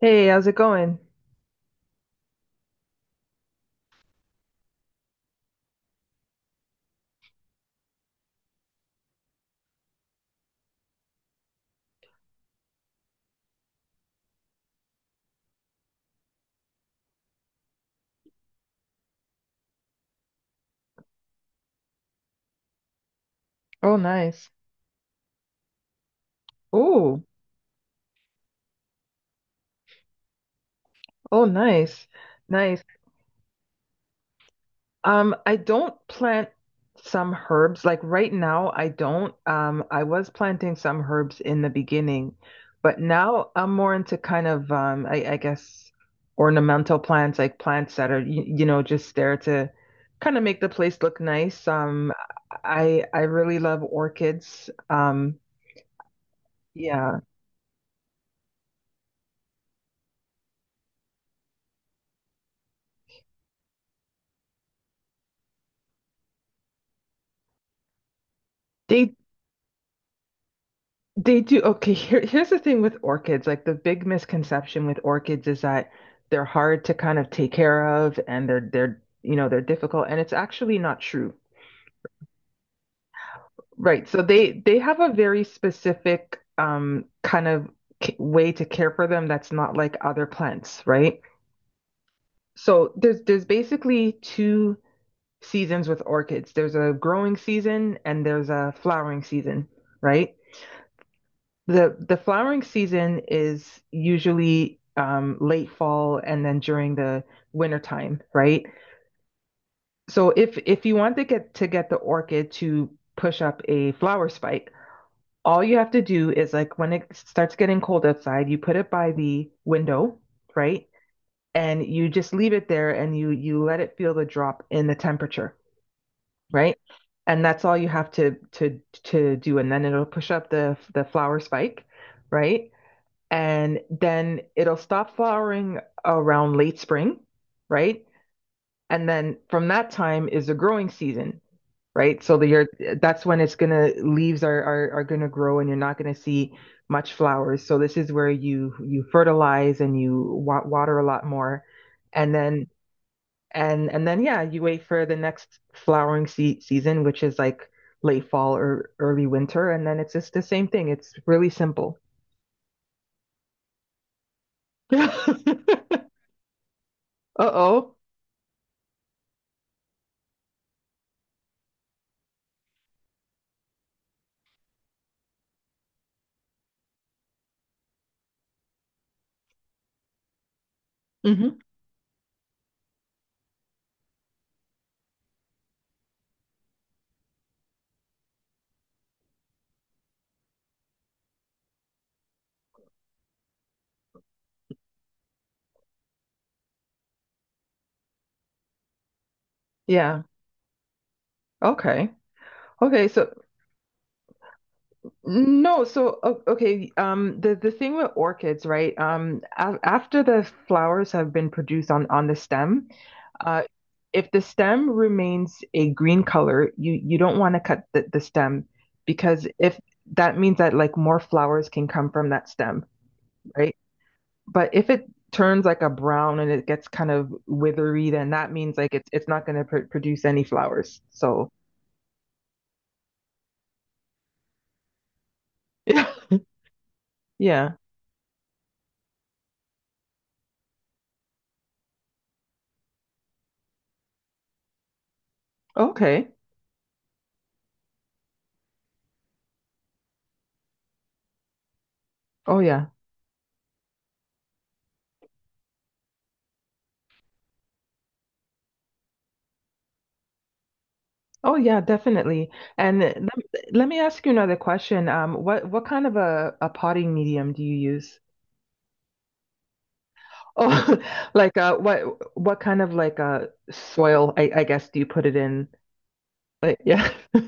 Hey, how's it going? Oh, nice. Oh, oh, nice. Nice. I don't plant some herbs. Like right now, I don't. I was planting some herbs in the beginning, but now I'm more into kind of, I guess ornamental plants, like plants that are just there to kind of make the place look nice. I really love orchids. Yeah. They They do. Okay, here's the thing with orchids. Like the big misconception with orchids is that they're hard to kind of take care of and they're they're difficult and it's actually not true. Right. So they have a very specific kind of c way to care for them that's not like other plants, right? So there's basically two seasons with orchids. There's a growing season and there's a flowering season, right? The flowering season is usually late fall and then during the winter time, right? So if you want to get the orchid to push up a flower spike, all you have to do is like when it starts getting cold outside, you put it by the window, right? And you just leave it there and you let it feel the drop in the temperature, right? And that's all you have to do, and then it'll push up the flower spike, right? And then it'll stop flowering around late spring, right? And then from that time is the growing season, right? So the year that's when it's gonna leaves are gonna grow and you're not gonna see much flowers. So this is where you fertilize and you water a lot more, and then and then yeah, you wait for the next flowering season, which is like late fall or early winter, and then it's just the same thing. It's really simple. Uh-oh. Hmm. Yeah. Okay. Okay. So no. So okay. The thing with orchids, right? A after the flowers have been produced on the stem, uh, if the stem remains a green color, you don't want to cut the stem because if that means that like more flowers can come from that stem, right? But if it turns like a brown and it gets kind of withery, then that means like it's not going to pr produce any flowers. So yeah. Okay. Oh yeah. Oh yeah, definitely. And let me ask you another question. What kind of a potting medium do you use? Oh, like what kind of like soil I guess do you put it in? Like yeah.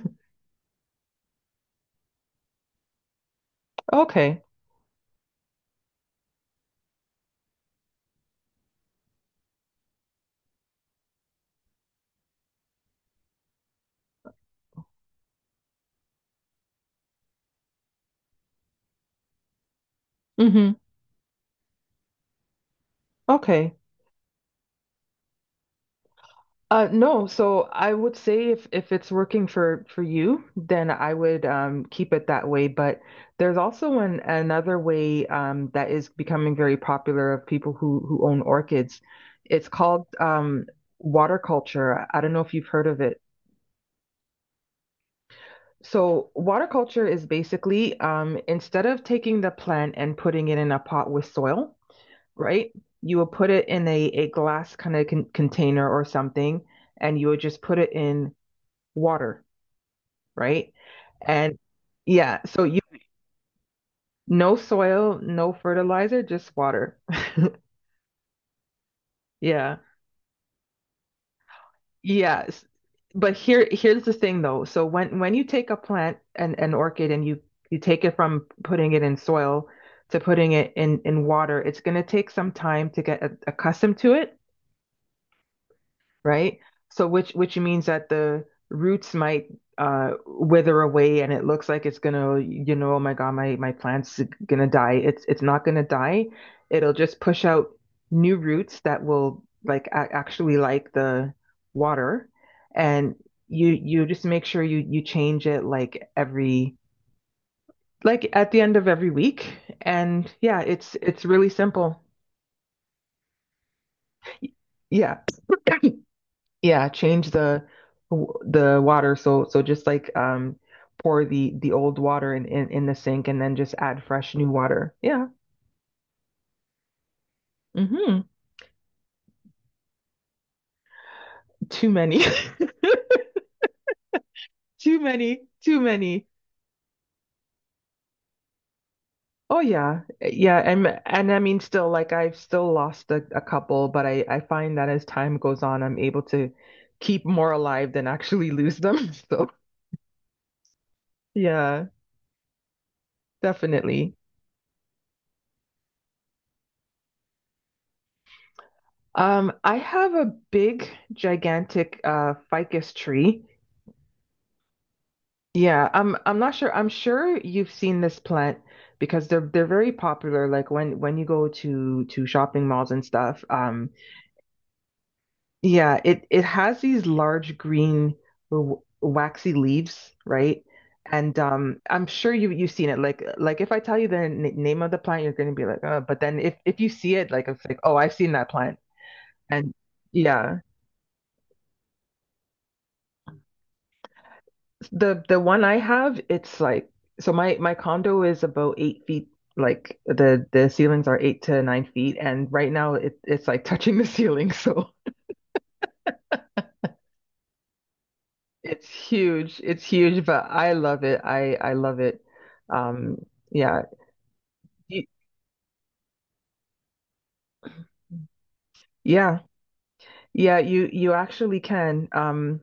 Okay. Mm-hmm. Okay. No, so I would say if it's working for you, then I would keep it that way. But there's also another way that is becoming very popular of people who own orchids. It's called water culture. I don't know if you've heard of it. So water culture is basically instead of taking the plant and putting it in a pot with soil, right? You will put it in a glass kind of container or something, and you would just put it in water. Right? And yeah, so you no soil, no fertilizer, just water. Yeah. Yes. But here's the thing though. So when you take a plant and an orchid and you take it from putting it in soil to putting it in water, it's going to take some time to get accustomed to it. Right? So which means that the roots might wither away and it looks like it's gonna, you know, oh my God, my plant's gonna die. It's not gonna die. It'll just push out new roots that will like a actually like the water, and you just make sure you change it like every like at the end of every week and yeah, it's really simple. Yeah. Yeah, change the water. So so just like pour the old water in the sink and then just add fresh new water. Yeah. Hmm. Too many. Too many. Too many. Oh yeah. Eh, yeah, and I mean still like I've still lost a couple, but I find that as time goes on, I'm able to keep more alive than actually lose them. So yeah, definitely. I have a big, gigantic ficus tree. Yeah, I'm not sure. I'm sure you've seen this plant because they're very popular. Like when you go to shopping malls and stuff. Yeah, it has these large green waxy leaves, right? And I'm sure you've seen it. Like if I tell you the n name of the plant, you're gonna be like, oh. But then if you see it, like it's like, oh, I've seen that plant. And yeah. The one I have, it's like so my condo is about 8 feet, like the ceilings are 8 to 9 feet, and right now it's like touching the ceiling, so it's huge. It's huge, but I love it. I love it. Um, yeah. You- Yeah, yeah, you actually can.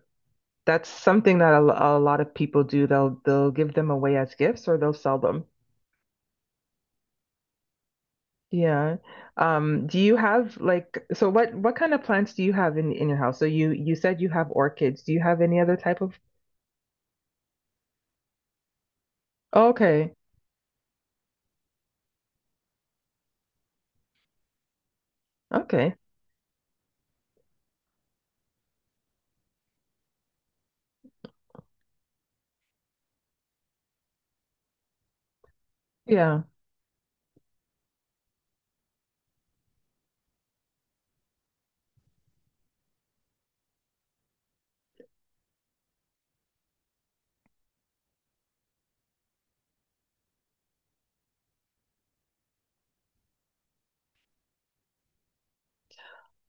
That's something that a lot of people do. They'll give them away as gifts or they'll sell them. Yeah. Do you have like so what kind of plants do you have in your house? So you said you have orchids. Do you have any other type of? Okay. Okay. Yeah.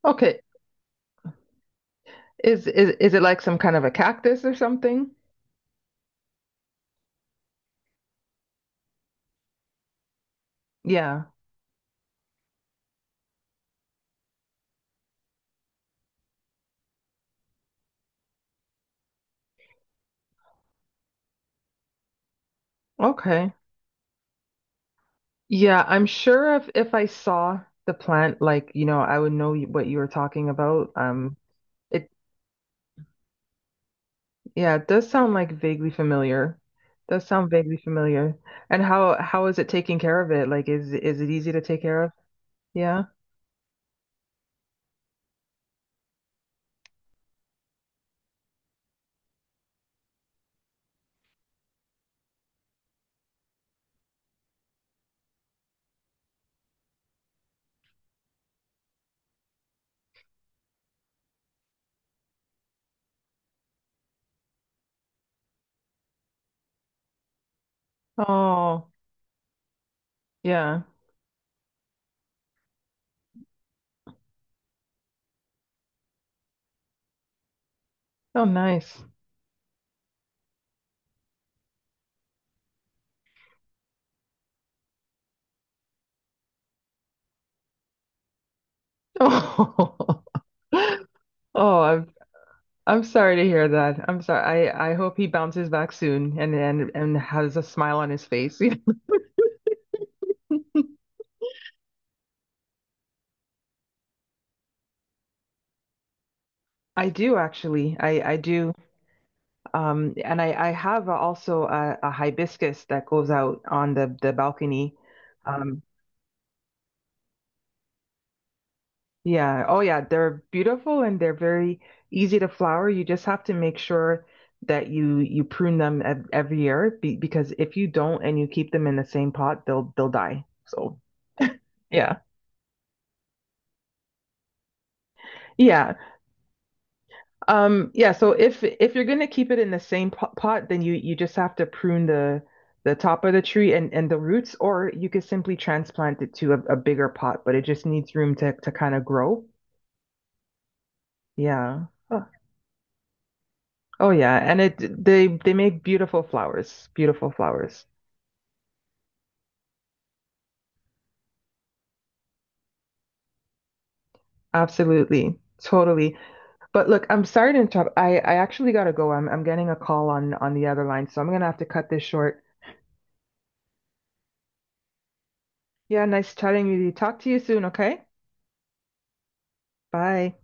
Okay. Is it like some kind of a cactus or something? Yeah. Okay. Yeah, I'm sure if I saw the plant like, you know, I would know what you were talking about. It yeah, it does sound like vaguely familiar. Does sound vaguely familiar. And how is it taking care of it? Like is it easy to take care of? Yeah. Oh, yeah. Oh, nice. Oh, oh, I'm sorry to hear that. I'm sorry. I hope he bounces back soon and and has a smile on his face. I do actually. I do. And I have also a hibiscus that goes out on the balcony. Um, Yeah. Oh, yeah. They're beautiful and they're very easy to flower. You just have to make sure that you prune them ev every year because if you don't and you keep them in the same pot, they'll die. So, yeah. Yeah. Yeah, so if you're going to keep it in the same po pot, then you just have to prune the top of the tree and the roots or you could simply transplant it to a bigger pot, but it just needs room to kind of grow. Yeah. Oh yeah, and it they make beautiful flowers, beautiful flowers. Absolutely. Totally. But look, I'm sorry to interrupt. I actually gotta go. I'm getting a call on the other line, so I'm gonna have to cut this short. Yeah, nice chatting with you. Talk to you soon, okay? Bye.